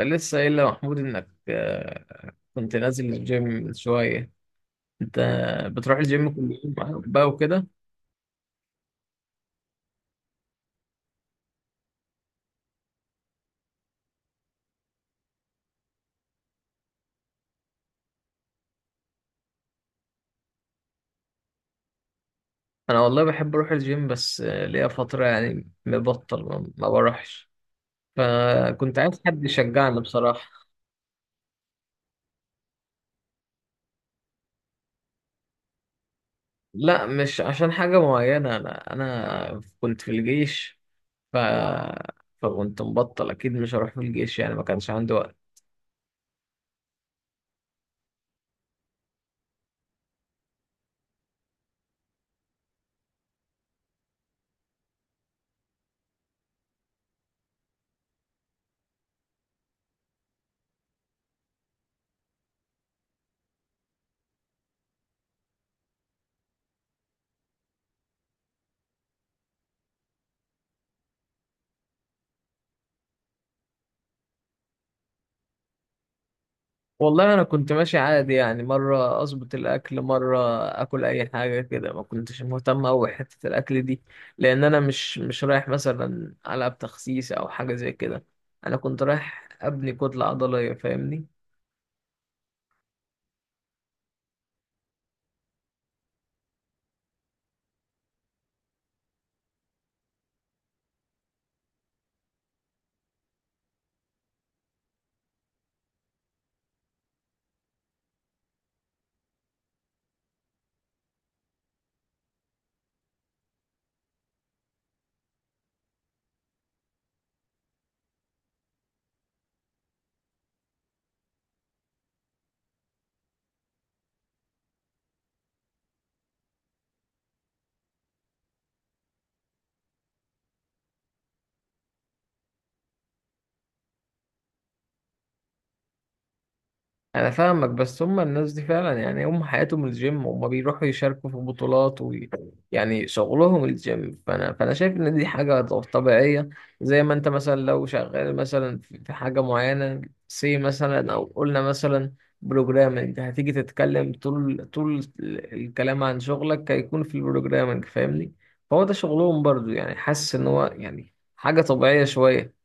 لسه قايل لمحمود انك كنت نازل الجيم شوية. انت بتروح الجيم كل يوم بقى وكده؟ انا والله بحب اروح الجيم، بس ليا فترة يعني مبطل ما بروحش، فكنت عايز حد يشجعني بصراحة. لا مش عشان حاجة معينة، انا كنت في الجيش. ف فكنت مبطل، اكيد مش هروح في الجيش يعني، ما كانش عندي وقت. والله انا كنت ماشي عادي يعني، مره اظبط الاكل، مره اكل اي حاجه كده، ما كنتش مهتم اوي حته الاكل دي. لان انا مش رايح مثلا العب تخسيس او حاجه زي كده، انا كنت رايح ابني كتله عضليه فاهمني. انا فاهمك، بس هم الناس دي فعلا يعني هم حياتهم الجيم، هم بيروحوا يشاركوا في بطولات يعني شغلهم الجيم. فانا شايف ان دي حاجه طبيعيه. زي ما انت مثلا لو شغال مثلا في حاجه معينه، سي مثلا، او قلنا مثلا بروجرامنج، هتيجي تتكلم طول، طول الكلام عن شغلك هيكون في البروجرامنج فاهمني. فهو ده شغلهم برضو يعني، حاسس ان هو يعني حاجه طبيعيه شويه.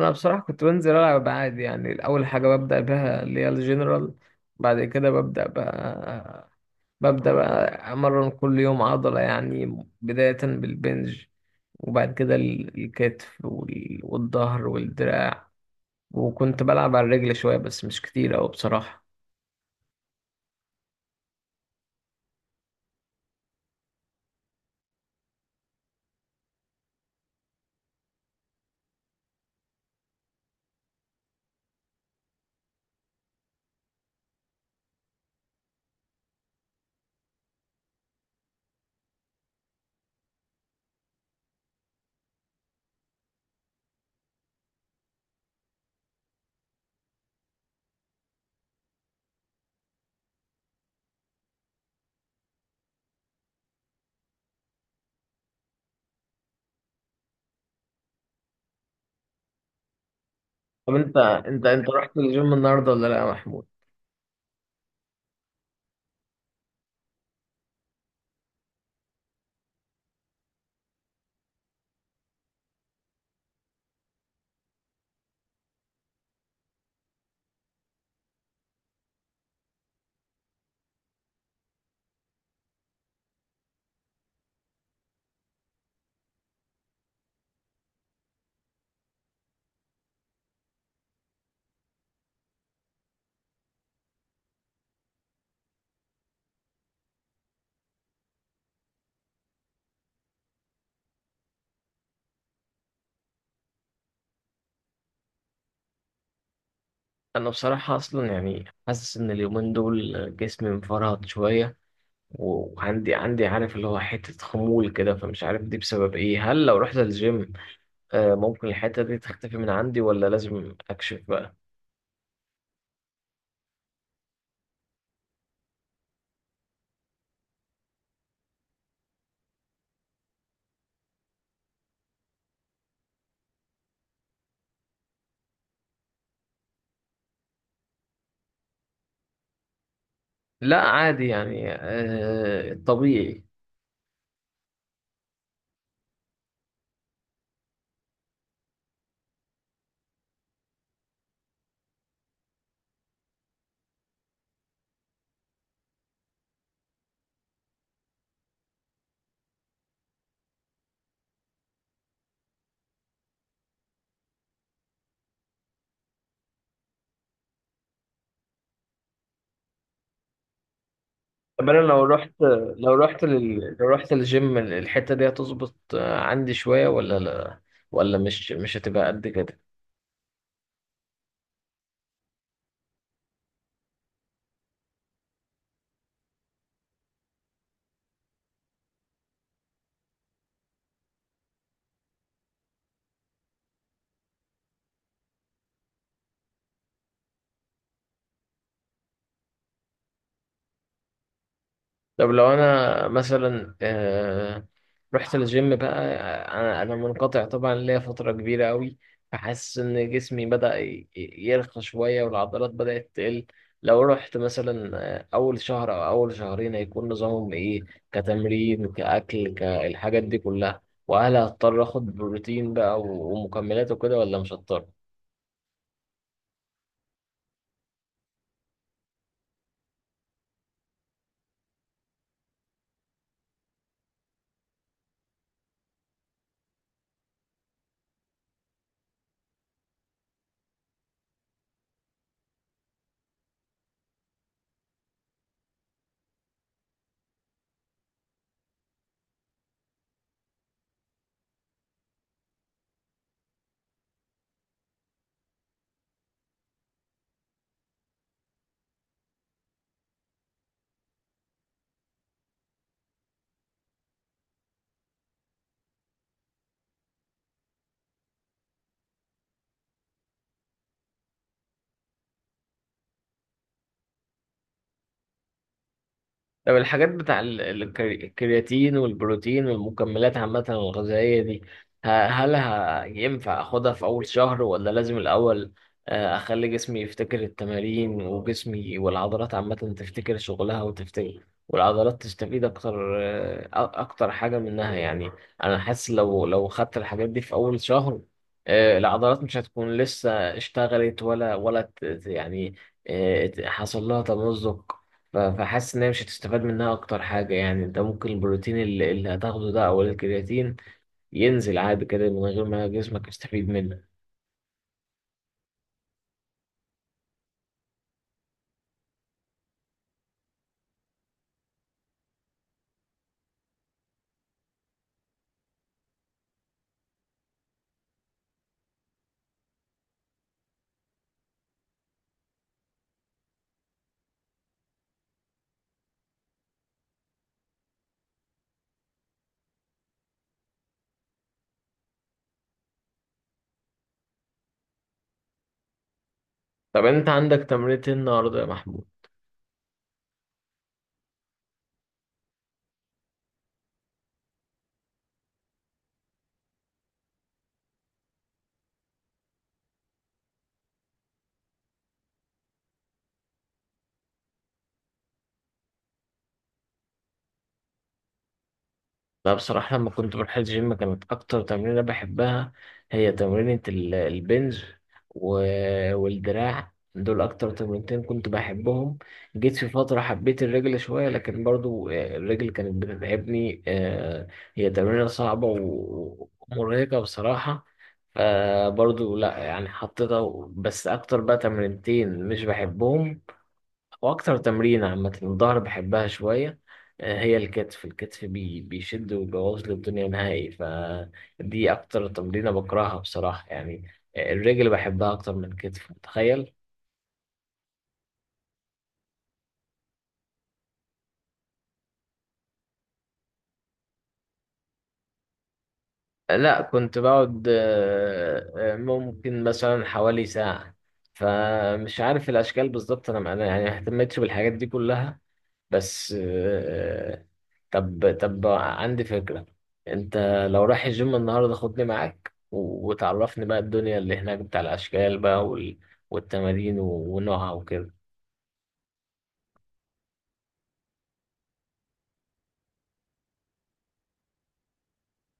انا بصراحه كنت بنزل العب عادي يعني، اول حاجه ببدا بها اللي هي الجنرال، بعد كده ببدا بقى امرن كل يوم عضله، يعني بدايه بالبنج، وبعد كده الكتف والظهر والدراع. وكنت بلعب على الرجل شويه بس مش كتير أوي بصراحه. طب انت رحت الجيم النهارده ولا لا يا محمود؟ انا بصراحه اصلا يعني حاسس ان اليومين دول جسمي مفرهد شويه، وعندي عارف اللي هو حتة خمول كده، فمش عارف دي بسبب ايه. هل لو رحت الجيم ممكن الحتة دي تختفي من عندي ولا لازم اكشف بقى؟ لا عادي يعني طبيعي. طب انا لو رحت، لو رحت الجيم الحتة دي هتظبط عندي شوية ولا لا؟ ولا مش هتبقى قد كده؟ طب لو انا مثلا رحت الجيم بقى، انا منقطع طبعا ليا فتره كبيره قوي، فحاسس ان جسمي بدا يرخى شويه والعضلات بدات تقل. لو رحت مثلا اول شهر او اول شهرين هيكون نظامهم ايه؟ كتمرين كاكل كالحاجات دي كلها؟ وهل هضطر اخد بروتين بقى ومكملات وكده ولا مش هضطر؟ طب الحاجات بتاع الكرياتين والبروتين والمكملات عامة الغذائية دي، هل ينفع أخدها في أول شهر ولا لازم الأول أخلي جسمي يفتكر التمارين، وجسمي والعضلات عامة تفتكر شغلها وتفتكر، والعضلات تستفيد أكتر أكتر حاجة منها يعني؟ أنا حاسس لو خدت الحاجات دي في أول شهر العضلات مش هتكون لسه اشتغلت ولا يعني حصل لها تمزق. فحاسس ان هي مش هتستفاد منها اكتر حاجه يعني. انت ممكن البروتين اللي هتاخده ده او الكرياتين ينزل عادي كده من غير ما جسمك يستفيد منه. طب انت عندك تمرينة إيه النهارده يا محمود؟ لا بصراحة لما كنت بروح الجيم كانت أكتر تمرينة بحبها هي تمرينة البنج والدراع، دول أكتر تمرينتين كنت بحبهم. جيت في فترة حبيت الرجل شوية، لكن برضو الرجل كانت بتتعبني، هي تمرينة صعبة ومرهقة بصراحة. فبرضو لا يعني حطيتها، بس أكتر بقى تمرينتين مش بحبهم واكتر تمرين عامه الظهر بحبها شويه. هي الكتف، الكتف بيشد ويبوظ لي الدنيا نهائي، فدي اكتر تمرينه بكرهها بصراحه يعني. الرجل بحبها اكتر من الكتف تخيل. لا كنت بقعد ممكن مثلا حوالي ساعة، فمش عارف الأشكال بالظبط. أنا يعني ما اهتمتش بالحاجات دي كلها، بس طب عندي فكرة. انت لو رايح الجيم النهاردة خدني معاك وتعرفني بقى الدنيا اللي هناك بتاع الأشكال بقى والتمارين ونوعها وكده.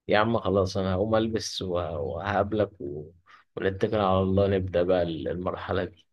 يا عم خلاص انا هقوم البس وهقابلك ونتكل على الله نبدأ بقى المرحلة دي.